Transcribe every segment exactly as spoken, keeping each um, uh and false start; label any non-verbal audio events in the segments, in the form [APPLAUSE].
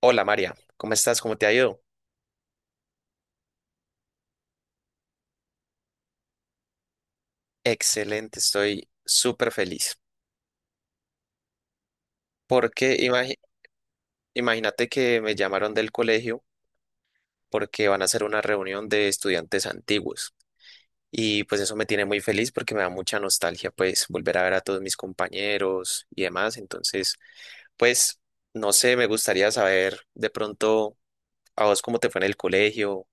Hola María, ¿cómo estás? ¿Cómo te ha ido? Excelente, estoy súper feliz. Porque imagi- Imagínate que me llamaron del colegio porque van a hacer una reunión de estudiantes antiguos. Y pues eso me tiene muy feliz porque me da mucha nostalgia, pues volver a ver a todos mis compañeros y demás. Entonces, pues no sé, me gustaría saber de pronto a vos cómo te fue en el colegio,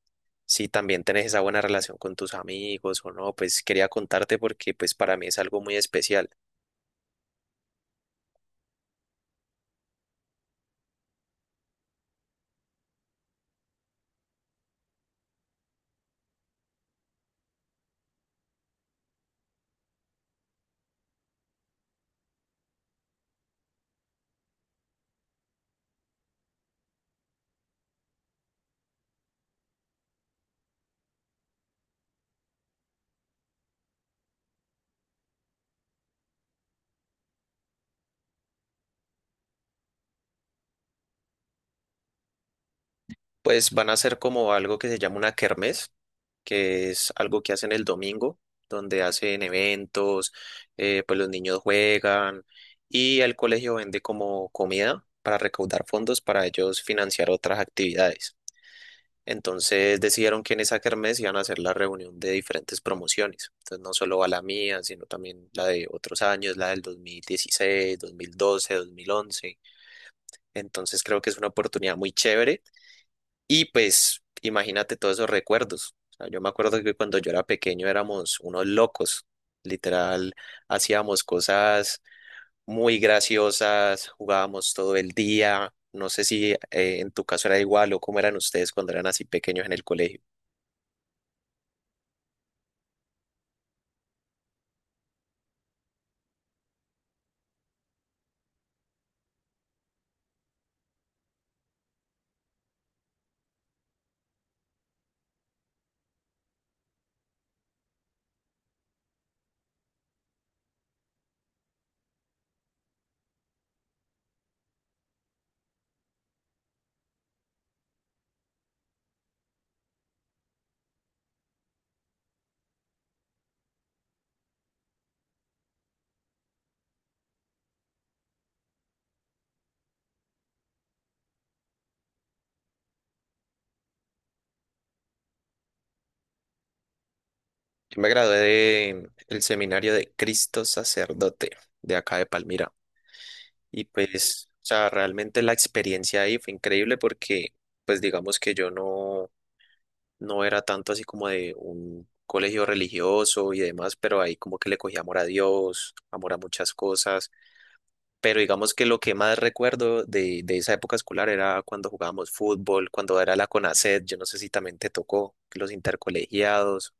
si también tenés esa buena relación con tus amigos o no. Pues quería contarte porque pues para mí es algo muy especial. Pues van a ser como algo que se llama una kermés, que es algo que hacen el domingo, donde hacen eventos, eh, pues los niños juegan y el colegio vende como comida para recaudar fondos para ellos financiar otras actividades. Entonces decidieron que en esa kermés iban a hacer la reunión de diferentes promociones. Entonces no solo va la mía, sino también la de otros años, la del dos mil dieciséis, dos mil doce, dos mil once. Entonces creo que es una oportunidad muy chévere y pues imagínate todos esos recuerdos. O sea, yo me acuerdo que cuando yo era pequeño éramos unos locos. Literal, hacíamos cosas muy graciosas, jugábamos todo el día. No sé si eh, en tu caso era igual o cómo eran ustedes cuando eran así pequeños en el colegio. Yo me gradué de el seminario de Cristo Sacerdote de acá de Palmira. Y pues, o sea, realmente la experiencia ahí fue increíble porque, pues digamos que yo no no era tanto así como de un colegio religioso y demás, pero ahí como que le cogí amor a Dios, amor a muchas cosas. Pero digamos que lo que más recuerdo de, de esa época escolar era cuando jugábamos fútbol, cuando era la CONACET, yo no sé si también te tocó, los intercolegiados,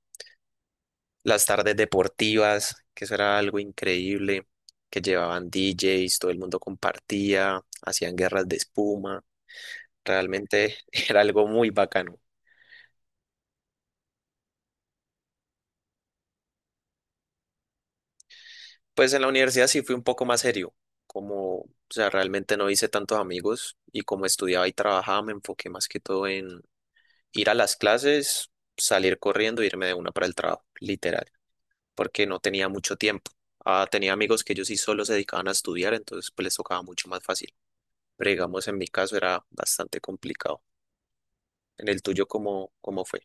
las tardes deportivas, que eso era algo increíble, que llevaban D Js, todo el mundo compartía, hacían guerras de espuma, realmente [LAUGHS] era algo muy bacano. Pues en la universidad sí fui un poco más serio, como, o sea, realmente no hice tantos amigos y como estudiaba y trabajaba me enfoqué más que todo en ir a las clases, salir corriendo, e irme de una para el trabajo, literal, porque no tenía mucho tiempo. Ah, tenía amigos que ellos sí solo se dedicaban a estudiar, entonces pues les tocaba mucho más fácil, pero digamos en mi caso era bastante complicado. En el tuyo, ¿cómo, ¿cómo fue?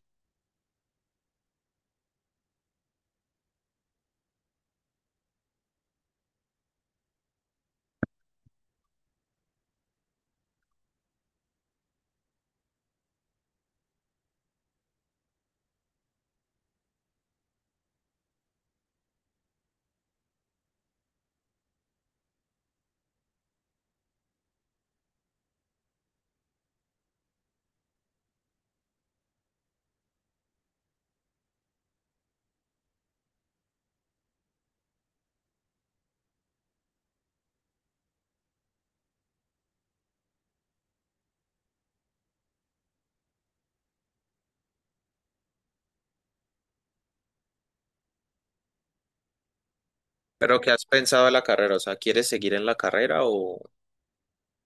Pero ¿qué has pensado de la carrera? O sea, ¿quieres seguir en la carrera o,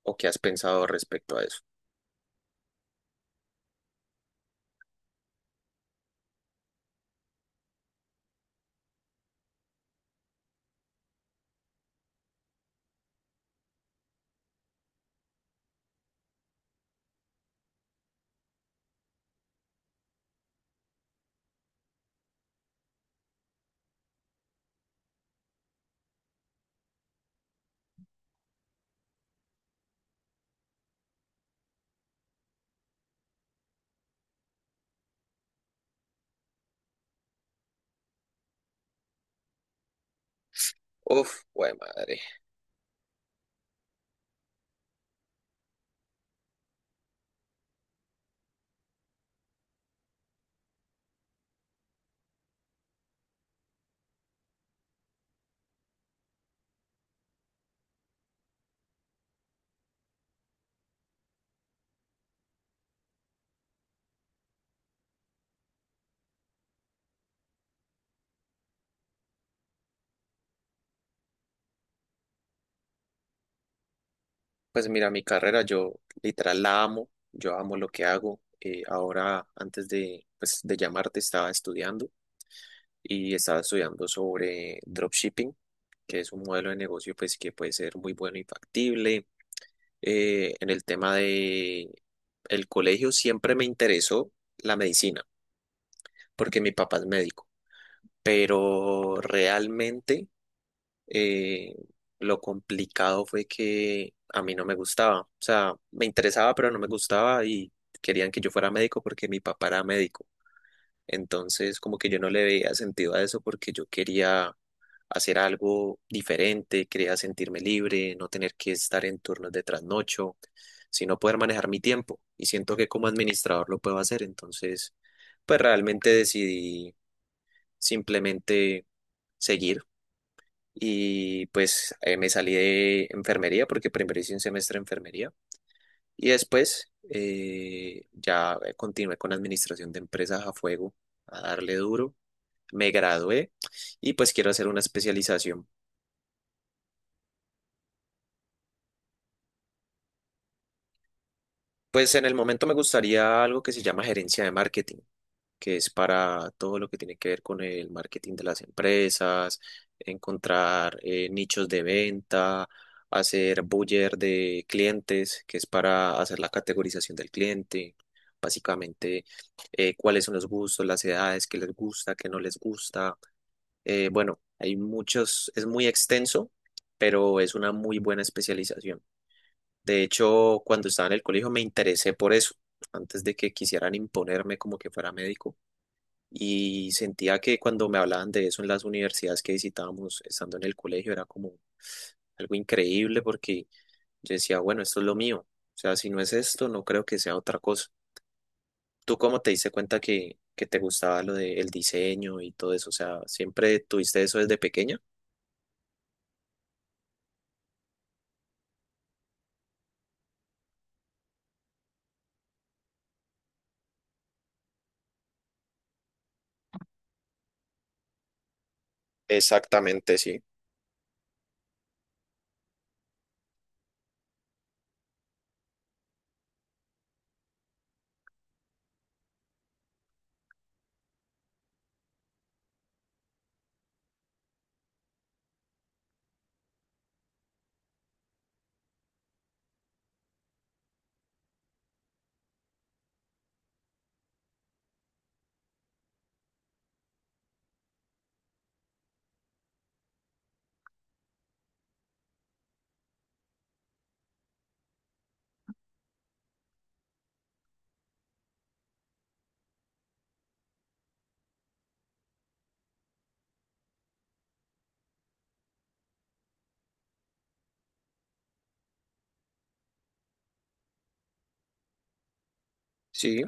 o qué has pensado respecto a eso? Uf, güey, madre. Pues mira, mi carrera, yo literal la amo, yo amo lo que hago. Eh, ahora, antes de, pues, de llamarte, estaba estudiando y estaba estudiando sobre dropshipping, que es un modelo de negocio pues, que puede ser muy bueno y factible. Eh, en el tema de el colegio siempre me interesó la medicina, porque mi papá es médico, pero realmente eh, lo complicado fue que a mí no me gustaba. O sea, me interesaba, pero no me gustaba y querían que yo fuera médico porque mi papá era médico. Entonces, como que yo no le veía sentido a eso porque yo quería hacer algo diferente, quería sentirme libre, no tener que estar en turnos de trasnocho, sino poder manejar mi tiempo. Y siento que como administrador lo puedo hacer. Entonces, pues realmente decidí simplemente seguir y pues eh, me salí de enfermería porque primero hice un semestre de enfermería y después eh, ya eh, continué con administración de empresas a fuego, a darle duro. Me gradué y pues quiero hacer una especialización. Pues en el momento me gustaría algo que se llama gerencia de marketing, que es para todo lo que tiene que ver con el marketing de las empresas, encontrar eh, nichos de venta, hacer buyer de clientes, que es para hacer la categorización del cliente, básicamente eh, cuáles son los gustos, las edades, qué les gusta, qué no les gusta. Eh, bueno, hay muchos, es muy extenso, pero es una muy buena especialización. De hecho, cuando estaba en el colegio me interesé por eso, antes de que quisieran imponerme como que fuera médico y sentía que cuando me hablaban de eso en las universidades que visitábamos, estando en el colegio, era como algo increíble porque yo decía, bueno, esto es lo mío. O sea, si no es esto, no creo que sea otra cosa. ¿Tú cómo te diste cuenta que, que te gustaba lo del diseño y todo eso? O sea, ¿siempre tuviste eso desde pequeña? Exactamente, sí. Sí,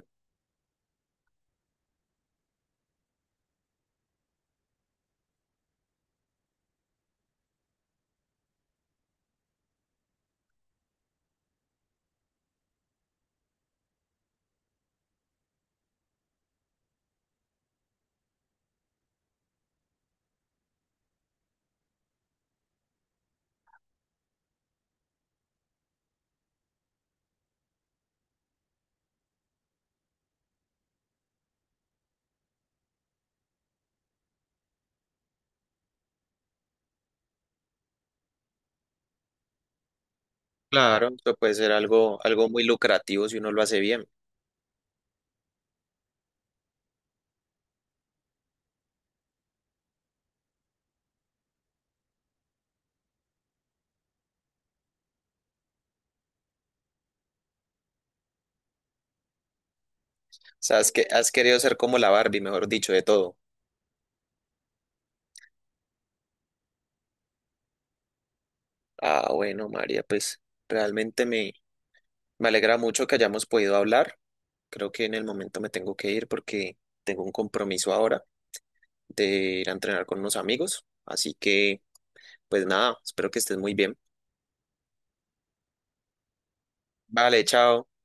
claro, eso puede ser algo, algo muy lucrativo si uno lo hace bien. O sea, es que has querido ser como la Barbie, mejor dicho, de todo. Ah, bueno, María, pues realmente me, me alegra mucho que hayamos podido hablar. Creo que en el momento me tengo que ir porque tengo un compromiso ahora de ir a entrenar con unos amigos. Así que, pues nada, espero que estés muy bien. Vale, chao.